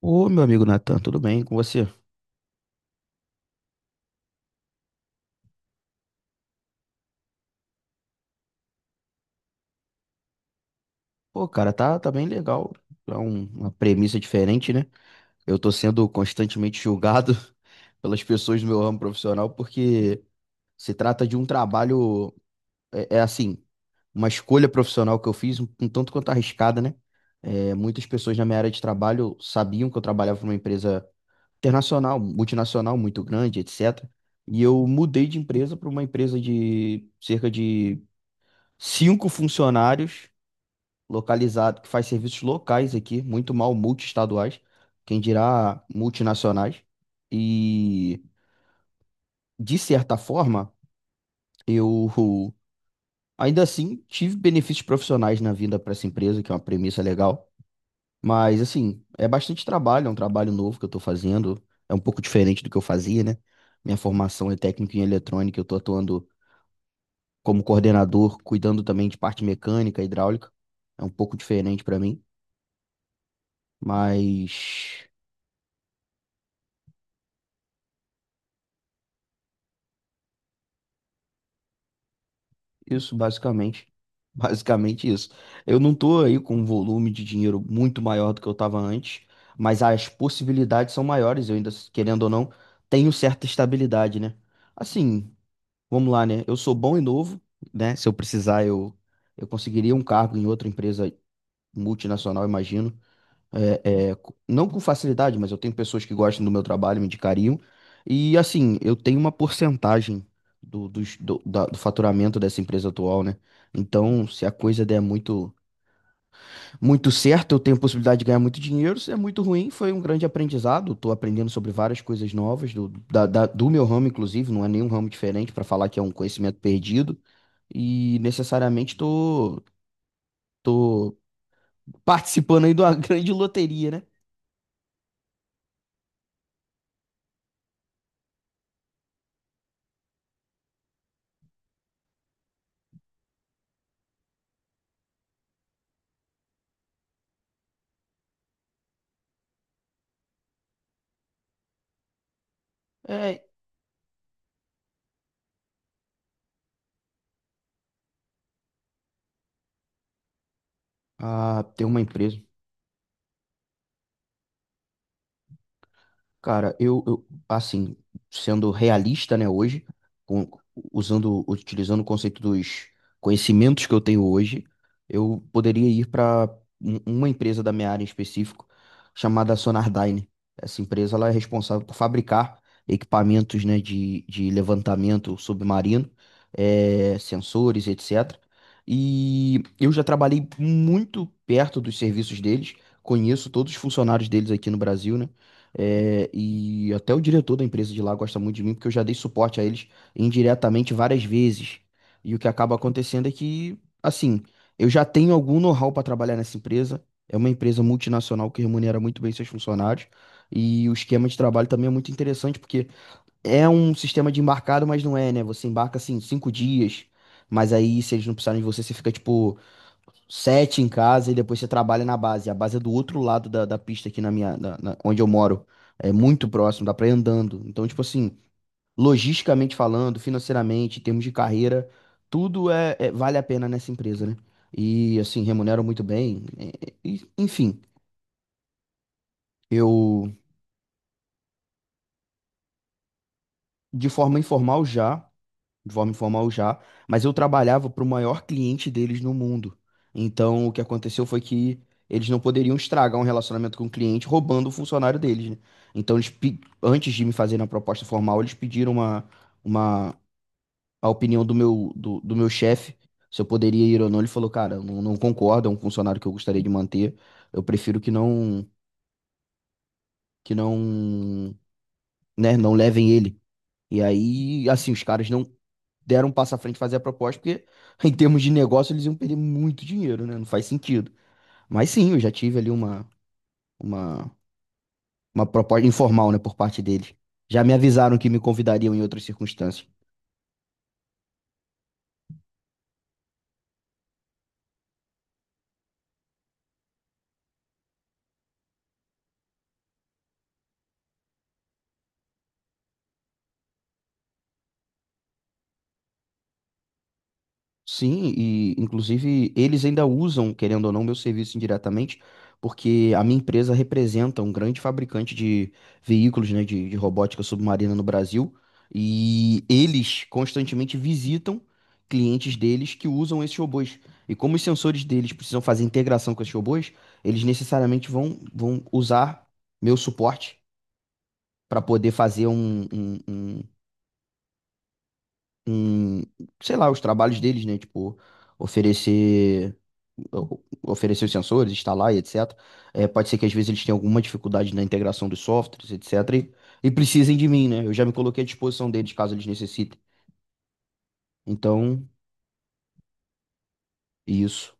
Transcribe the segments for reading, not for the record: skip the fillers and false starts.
Ô, meu amigo Natan, tudo bem com você? Pô, cara, tá bem legal. É uma premissa diferente, né? Eu tô sendo constantemente julgado pelas pessoas do meu ramo profissional porque se trata de um trabalho, é assim, uma escolha profissional que eu fiz, um tanto quanto arriscada, né? É, muitas pessoas na minha área de trabalho sabiam que eu trabalhava para uma empresa internacional, multinacional, muito grande, etc. E eu mudei de empresa para uma empresa de cerca de 5 funcionários localizado, que faz serviços locais aqui, muito mal multiestaduais, quem dirá multinacionais. E, de certa forma, eu ainda assim tive benefícios profissionais na vinda para essa empresa, que é uma premissa legal. Mas, assim, é bastante trabalho, é um trabalho novo que eu estou fazendo, é um pouco diferente do que eu fazia, né? Minha formação é técnica em eletrônica, eu estou atuando como coordenador, cuidando também de parte mecânica, hidráulica. É um pouco diferente para mim, mas. Isso, basicamente. Basicamente isso. Eu não tô aí com um volume de dinheiro muito maior do que eu tava antes, mas as possibilidades são maiores. Eu ainda, querendo ou não, tenho certa estabilidade, né? Assim, vamos lá, né? Eu sou bom e novo, né? Se eu precisar, eu conseguiria um cargo em outra empresa multinacional, imagino não com facilidade, mas eu tenho pessoas que gostam do meu trabalho, me indicariam. E assim, eu tenho uma porcentagem do, dos- do, da- do faturamento dessa empresa atual, né? Então, se a coisa der muito, muito certo, eu tenho possibilidade de ganhar muito dinheiro. Se é muito ruim, foi um grande aprendizado. Estou aprendendo sobre várias coisas novas do meu ramo, inclusive, não é nenhum ramo diferente para falar que é um conhecimento perdido. E necessariamente tô participando aí de uma grande loteria, né? É, a ter uma empresa. Cara, assim, sendo realista, né, hoje, com- usando, utilizando o conceito dos conhecimentos que eu tenho hoje, eu poderia ir para uma empresa da minha área em específico, chamada Sonardyne. Essa empresa, ela é responsável por fabricar equipamentos, né, de levantamento submarino, sensores, etc. E eu já trabalhei muito perto dos serviços deles, conheço todos os funcionários deles aqui no Brasil, né? É, e até o diretor da empresa de lá gosta muito de mim, porque eu já dei suporte a eles indiretamente várias vezes. E o que acaba acontecendo é que, assim, eu já tenho algum know-how para trabalhar nessa empresa. É uma empresa multinacional que remunera muito bem seus funcionários. E o esquema de trabalho também é muito interessante, porque é um sistema de embarcado, mas não é, né? Você embarca, assim, 5 dias, mas aí, se eles não precisarem de você, você fica, tipo, 7 em casa e depois você trabalha na base. A base é do outro lado da pista aqui na minha, na- na- onde eu moro. É muito próximo, dá pra ir andando. Então, tipo assim, logisticamente falando, financeiramente, em termos de carreira, tudo vale a pena nessa empresa, né? E assim, remuneram muito bem. É, é, e- enfim, eu de forma informal já. de forma informal já, mas eu trabalhava para o maior cliente deles no mundo. Então, o que aconteceu foi que eles não poderiam estragar um relacionamento com o cliente roubando o funcionário deles, né? Então, eles, antes de me fazerem a proposta formal, eles pediram uma, a opinião do meu chefe, se eu poderia ir ou não. Ele falou, cara, eu não, não concordo, é um funcionário que eu gostaria de manter, eu prefiro que não, né, não levem ele. E aí, assim, os caras não deram um passo à frente fazer a proposta, porque em termos de negócio eles iam perder muito dinheiro, né? Não faz sentido. Mas sim, eu já tive ali uma, uma proposta informal, né, por parte deles. Já me avisaram que me convidariam em outras circunstâncias. Sim, e inclusive eles ainda usam, querendo ou não, meu serviço indiretamente, porque a minha empresa representa um grande fabricante de veículos, né, de robótica submarina no Brasil, e eles constantemente visitam clientes deles que usam esses robôs. E como os sensores deles precisam fazer integração com esses robôs, eles necessariamente vão usar meu suporte para poder fazer em, sei lá, os trabalhos deles, né? Tipo, oferecer, oferecer os sensores, instalar e etc. É, pode ser que às vezes eles tenham alguma dificuldade na integração dos softwares, etc. E, precisem de mim, né? Eu já me coloquei à disposição deles caso eles necessitem. Então, isso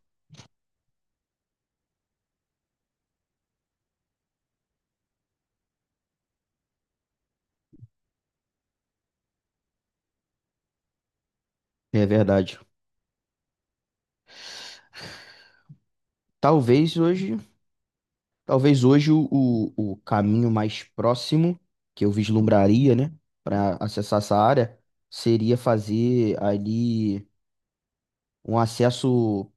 é verdade. Talvez hoje, talvez hoje, o caminho mais próximo que eu vislumbraria, né, para acessar essa área seria fazer ali um acesso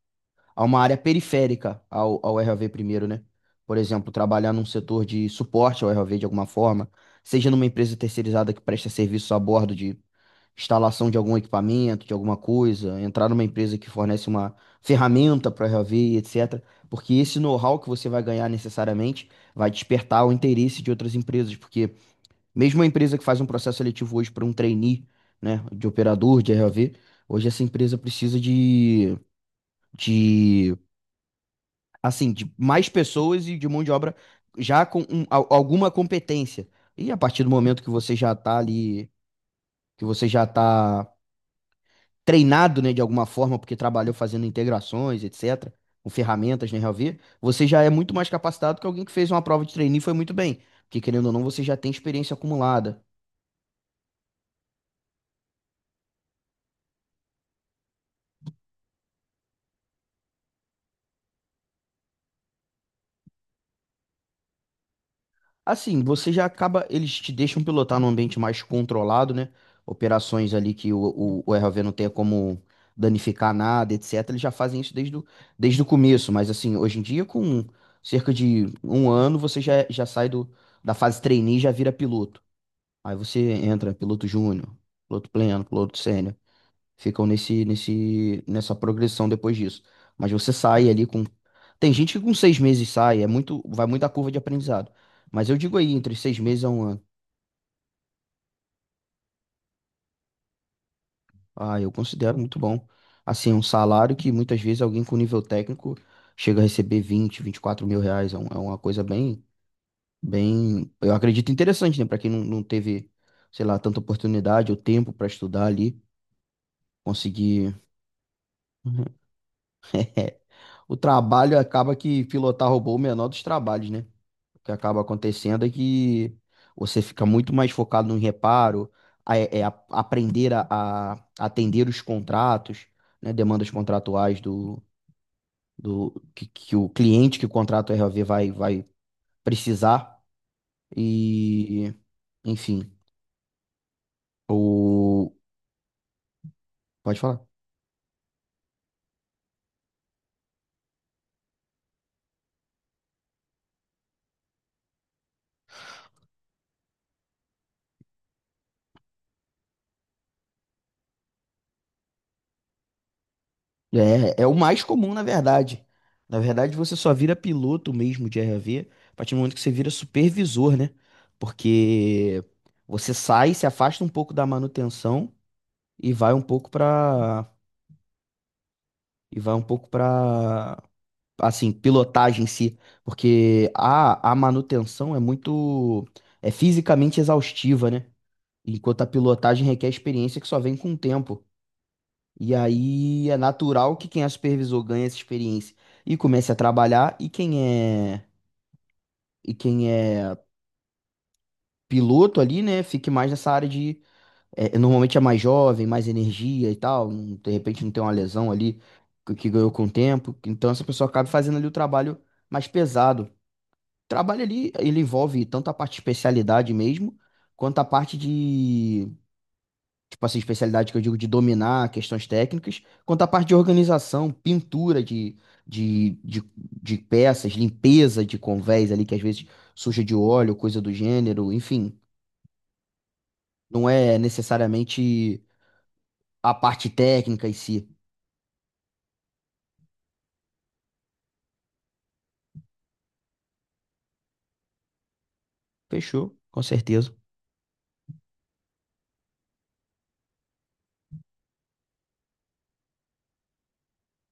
a uma área periférica ao RAV primeiro, né? Por exemplo, trabalhar num setor de suporte ao RAV de alguma forma, seja numa empresa terceirizada que presta serviço a bordo de instalação de algum equipamento, de alguma coisa, entrar numa empresa que fornece uma ferramenta para o RAV, etc. Porque esse know-how que você vai ganhar necessariamente vai despertar o interesse de outras empresas, porque mesmo uma empresa que faz um processo seletivo hoje para um trainee, né, de operador de RAV, hoje essa empresa precisa de assim, de mais pessoas e de mão de obra já com alguma competência. E a partir do momento que você já tá ali, que você já tá treinado, né, de alguma forma, porque trabalhou fazendo integrações, etc., com ferramentas, né, Realvia, você já é muito mais capacitado que alguém que fez uma prova de trainee e foi muito bem. Porque, querendo ou não, você já tem experiência acumulada. Assim, você já acaba, eles te deixam pilotar num ambiente mais controlado, né? Operações ali que o ROV não tenha como danificar nada, etc. Eles já fazem isso desde o começo, mas assim, hoje em dia, com cerca de um ano, você já sai da fase trainee e já vira piloto. Aí você entra piloto júnior, piloto pleno, piloto sênior ficam nessa progressão depois disso. Mas você sai ali com. Tem gente que com 6 meses sai, é muito, vai muito a curva de aprendizado. Mas eu digo aí, entre 6 meses a um ano. Ah, eu considero muito bom. Assim, um salário que muitas vezes alguém com nível técnico chega a receber vinte e quatro mil reais. É uma coisa bem, bem, eu acredito interessante, né? Para quem não, não teve, sei lá, tanta oportunidade ou tempo para estudar ali, conseguir. O trabalho acaba que pilotar robô é o menor dos trabalhos, né? O que acaba acontecendo é que você fica muito mais focado no reparo, aprender a atender os contratos, né, demandas contratuais do, do que o cliente que o contrato RLV vai precisar. E, enfim, o. Pode falar. É, é o mais comum, na verdade. Na verdade, você só vira piloto mesmo de RLV a partir do momento que você vira supervisor, né? Porque você sai, se afasta um pouco da manutenção e vai um pouco pra. E vai um pouco para assim, pilotagem em si, porque a manutenção é muito fisicamente exaustiva, né? Enquanto a pilotagem requer experiência que só vem com o tempo. E aí é natural que quem é supervisor ganhe essa experiência e comece a trabalhar e é quem é piloto ali, né, fique mais nessa área de. É, normalmente é mais jovem, mais energia e tal, de repente não tem uma lesão ali que ganhou com o tempo. Então essa pessoa acaba fazendo ali o trabalho mais pesado. Trabalho ali, ele envolve tanto a parte de especialidade mesmo, quanto a parte de, tipo assim, especialidade que eu digo de dominar questões técnicas, quanto a parte de organização, pintura de, de, de peças, limpeza de convés ali, que às vezes suja de óleo, coisa do gênero, enfim. Não é necessariamente a parte técnica em si. Fechou, com certeza.